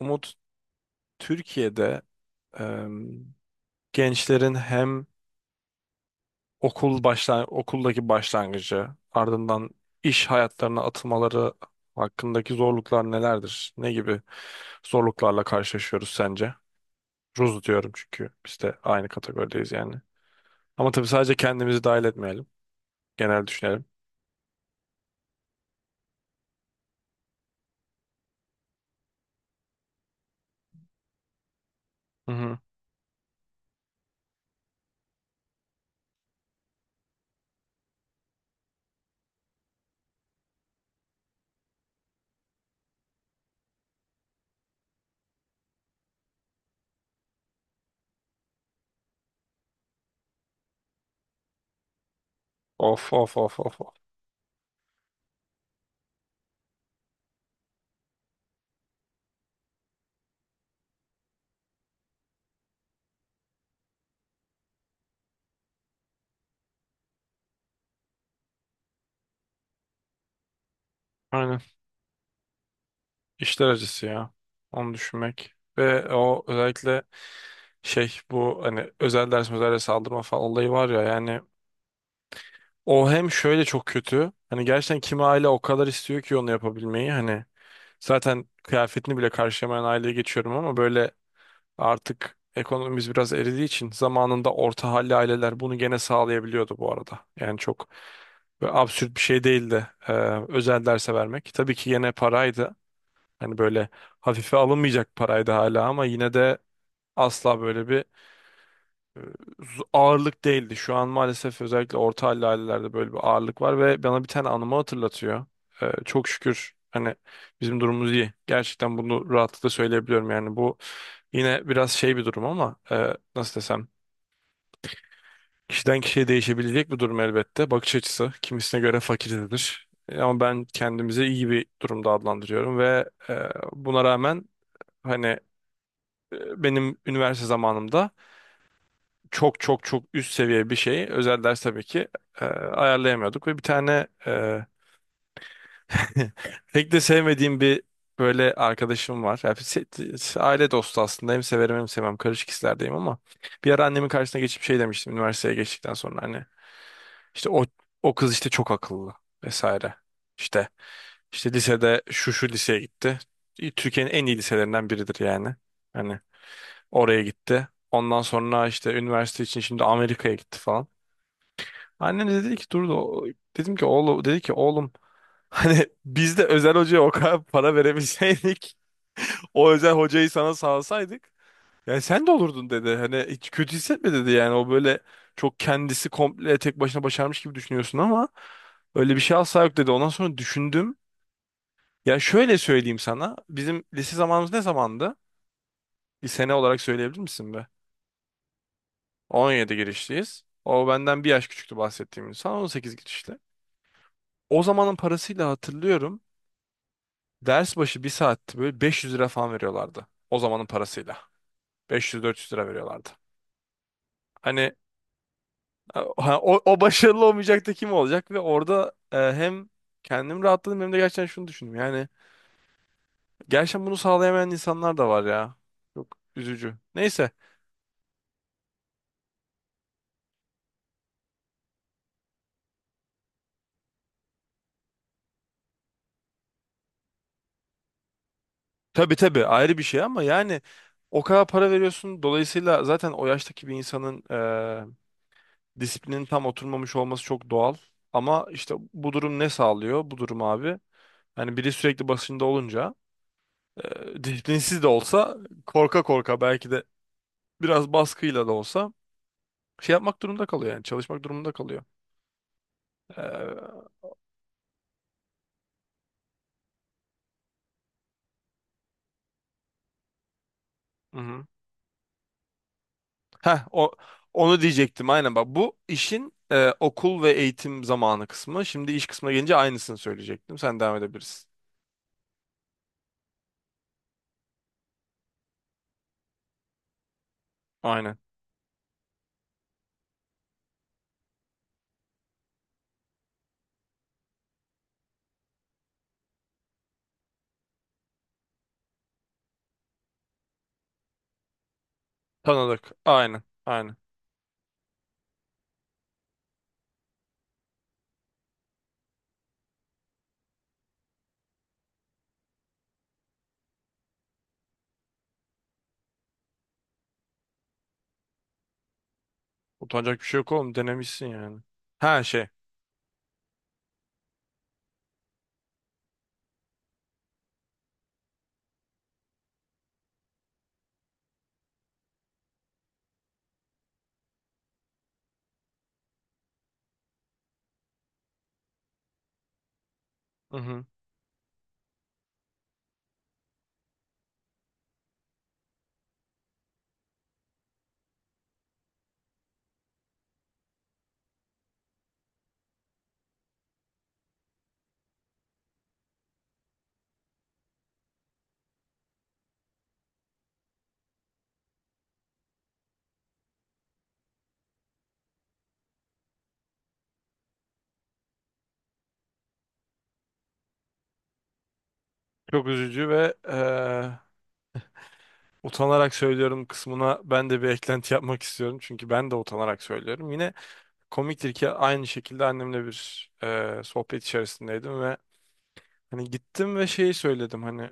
Umut, Türkiye'de em, gençlerin hem okuldaki başlangıcı ardından iş hayatlarına atılmaları hakkındaki zorluklar nelerdir? Ne gibi zorluklarla karşılaşıyoruz sence? Ruz diyorum çünkü biz de aynı kategorideyiz yani. Ama tabii sadece kendimizi dahil etmeyelim. Genel düşünelim. Hı hı. Of of of of of. Aynen. İşler acısı ya. Onu düşünmek. Ve o özellikle şey bu hani özel ders aldırma falan olayı var ya yani o hem şöyle çok kötü hani gerçekten kimi aile o kadar istiyor ki onu yapabilmeyi hani zaten kıyafetini bile karşılamayan aileye geçiyorum ama böyle artık ekonomimiz biraz eridiği için zamanında orta halli aileler bunu gene sağlayabiliyordu bu arada. Yani çok böyle absürt bir şey değildi özel derse vermek. Tabii ki yine paraydı. Hani böyle hafife alınmayacak paraydı hala ama yine de asla böyle bir ağırlık değildi. Şu an maalesef özellikle orta halli ailelerde böyle bir ağırlık var ve bana bir tane anımı hatırlatıyor. Çok şükür hani bizim durumumuz iyi. Gerçekten bunu rahatlıkla söyleyebiliyorum. Yani bu yine biraz şey bir durum ama nasıl desem, kişiden kişiye değişebilecek bir durum elbette. Bakış açısı kimisine göre fakirdir. Ama ben kendimizi iyi bir durumda adlandırıyorum ve, buna rağmen hani, benim üniversite zamanımda çok çok çok üst seviye bir şeyi, özel ders tabii ki ayarlayamıyorduk ve bir tane pek de sevmediğim bir böyle arkadaşım var. Yani aile dostu aslında, hem severim hem sevmem, karışık hislerdeyim ama bir ara annemin karşısına geçip şey demiştim üniversiteye geçtikten sonra hani işte o, o kız işte çok akıllı vesaire. İşte, işte lisede şu şu liseye gitti. Türkiye'nin en iyi liselerinden biridir yani. Hani oraya gitti. Ondan sonra işte üniversite için şimdi Amerika'ya gitti falan. Annem de dedi ki dur da dedim ki oğlum, dedi ki oğlum, hani biz de özel hocaya o kadar para verebilseydik, o özel hocayı sana sağlasaydık yani sen de olurdun dedi. Hani hiç kötü hissetme dedi yani o böyle çok kendisi komple tek başına başarmış gibi düşünüyorsun ama öyle bir şey asla yok dedi. Ondan sonra düşündüm. Ya şöyle söyleyeyim sana. Bizim lise zamanımız ne zamandı? Bir sene olarak söyleyebilir misin be? 17 girişliyiz. O benden bir yaş küçüktü bahsettiğim insan. 18 girişli. O zamanın parasıyla hatırlıyorum. Ders başı bir saatti böyle 500 lira falan veriyorlardı. O zamanın parasıyla. 500-400 lira veriyorlardı. Hani o, o başarılı olmayacak da kim olacak? Ve orada hem kendim rahatladım hem de gerçekten şunu düşündüm. Yani gerçekten bunu sağlayamayan insanlar da var ya. Çok üzücü. Neyse. Tabii tabii ayrı bir şey ama yani o kadar para veriyorsun. Dolayısıyla zaten o yaştaki bir insanın disiplinin tam oturmamış olması çok doğal. Ama işte bu durum ne sağlıyor? Bu durum abi. Hani biri sürekli başında olunca disiplinsiz de olsa korka korka belki de biraz baskıyla da olsa şey yapmak durumunda kalıyor yani çalışmak durumunda kalıyor. E, hı hı. Heh, onu diyecektim aynen bak bu işin okul ve eğitim zamanı kısmı. Şimdi iş kısmına gelince aynısını söyleyecektim. Sen devam edebilirsin. Aynen. Tanıdık. Aynen. Aynen. Utanacak bir şey yok oğlum, denemişsin yani. Ha şey. Hı hı. Çok üzücü ve utanarak söylüyorum kısmına ben de bir eklenti yapmak istiyorum. Çünkü ben de utanarak söylüyorum. Yine komiktir ki aynı şekilde annemle bir sohbet içerisindeydim ve hani gittim ve şeyi söyledim hani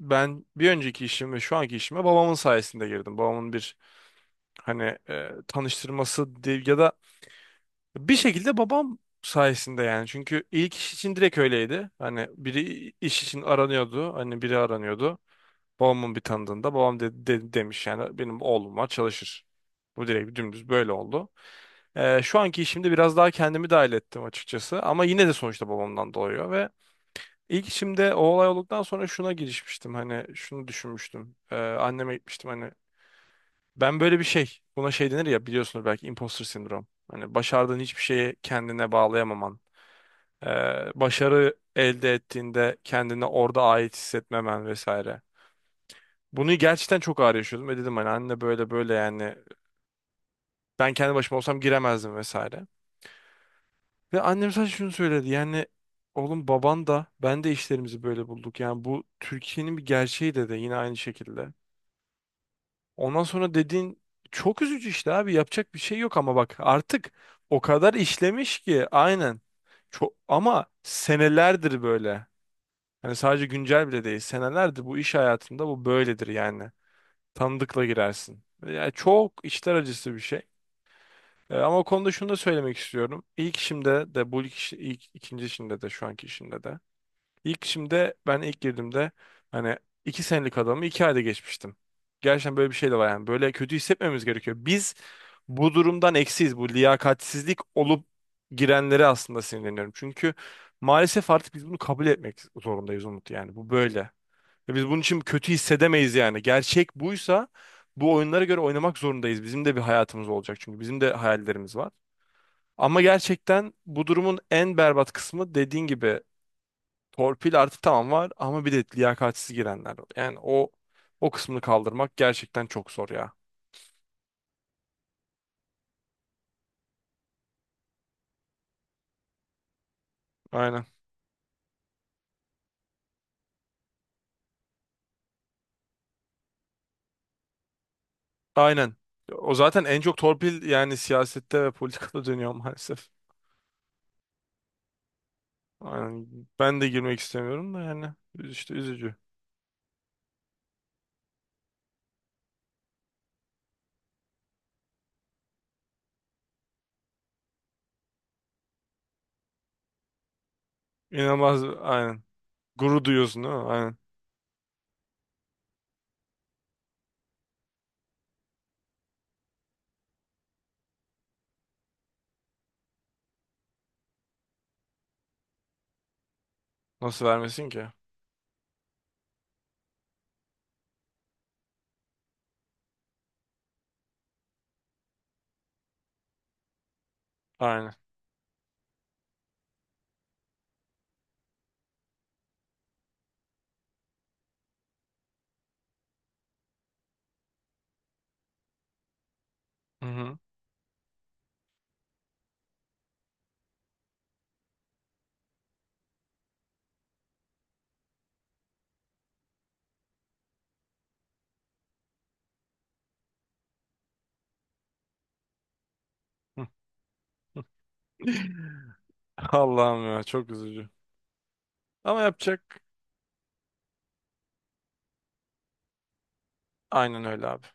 ben bir önceki işim ve şu anki işime babamın sayesinde girdim. Babamın bir hani tanıştırması değil ya da bir şekilde babam sayesinde yani. Çünkü ilk iş için direkt öyleydi. Hani biri iş için aranıyordu. Hani biri aranıyordu. Babamın bir tanıdığında babam demiş yani benim oğlum var çalışır. Bu direkt dümdüz böyle oldu. Şu anki işimde biraz daha kendimi dahil ettim açıkçası ama yine de sonuçta babamdan doğuyor ve ilk işimde o olay olduktan sonra şuna girişmiştim hani şunu düşünmüştüm. Anneme gitmiştim hani ben böyle bir şey, buna şey denir ya, biliyorsunuz belki, imposter sindrom. Hani başardığın hiçbir şeyi kendine bağlayamaman, ee, başarı elde ettiğinde kendine orada ait hissetmemen vesaire. Bunu gerçekten çok ağır yaşıyordum ve dedim hani anne böyle böyle yani ben kendi başıma olsam giremezdim vesaire. Ve annem sadece şunu söyledi yani oğlum baban da ben de işlerimizi böyle bulduk. Yani bu Türkiye'nin bir gerçeği dedi yine aynı şekilde. Ondan sonra dediğin çok üzücü işte abi, yapacak bir şey yok ama bak artık o kadar işlemiş ki, aynen. Çok, ama senelerdir böyle. Hani sadece güncel bile değil, senelerdir bu iş hayatında bu böyledir yani. Tanıdıkla girersin. Yani çok içler acısı bir şey. Ama o konuda şunu da söylemek istiyorum. İlk işimde de bu ilk, ikinci işimde de şu anki işimde de. İlk işimde ben ilk girdiğimde hani iki senelik adamı iki ayda geçmiştim. Gerçekten böyle bir şey de var yani. Böyle kötü hissetmemiz gerekiyor. Biz bu durumdan eksiyiz. Bu liyakatsizlik olup girenlere aslında sinirleniyorum. Çünkü maalesef artık biz bunu kabul etmek zorundayız Umut yani. Bu böyle. Ve biz bunun için kötü hissedemeyiz yani. Gerçek buysa bu oyunlara göre oynamak zorundayız. Bizim de bir hayatımız olacak çünkü bizim de hayallerimiz var. Ama gerçekten bu durumun en berbat kısmı, dediğin gibi, torpil artı tamam var ama bir de liyakatsiz girenler var. Yani o kısmını kaldırmak gerçekten çok zor ya. Aynen. Aynen. O zaten en çok torpil yani siyasette ve politikada dönüyor maalesef. Aynen. Ben de girmek istemiyorum da yani işte üzücü. İnanılmaz aynen. Gurur duyuyorsun değil mi? Aynen. Nasıl vermesin ki? Aynen. Hı hı. Allah'ım ya, çok üzücü. Ama yapacak, aynen öyle abi.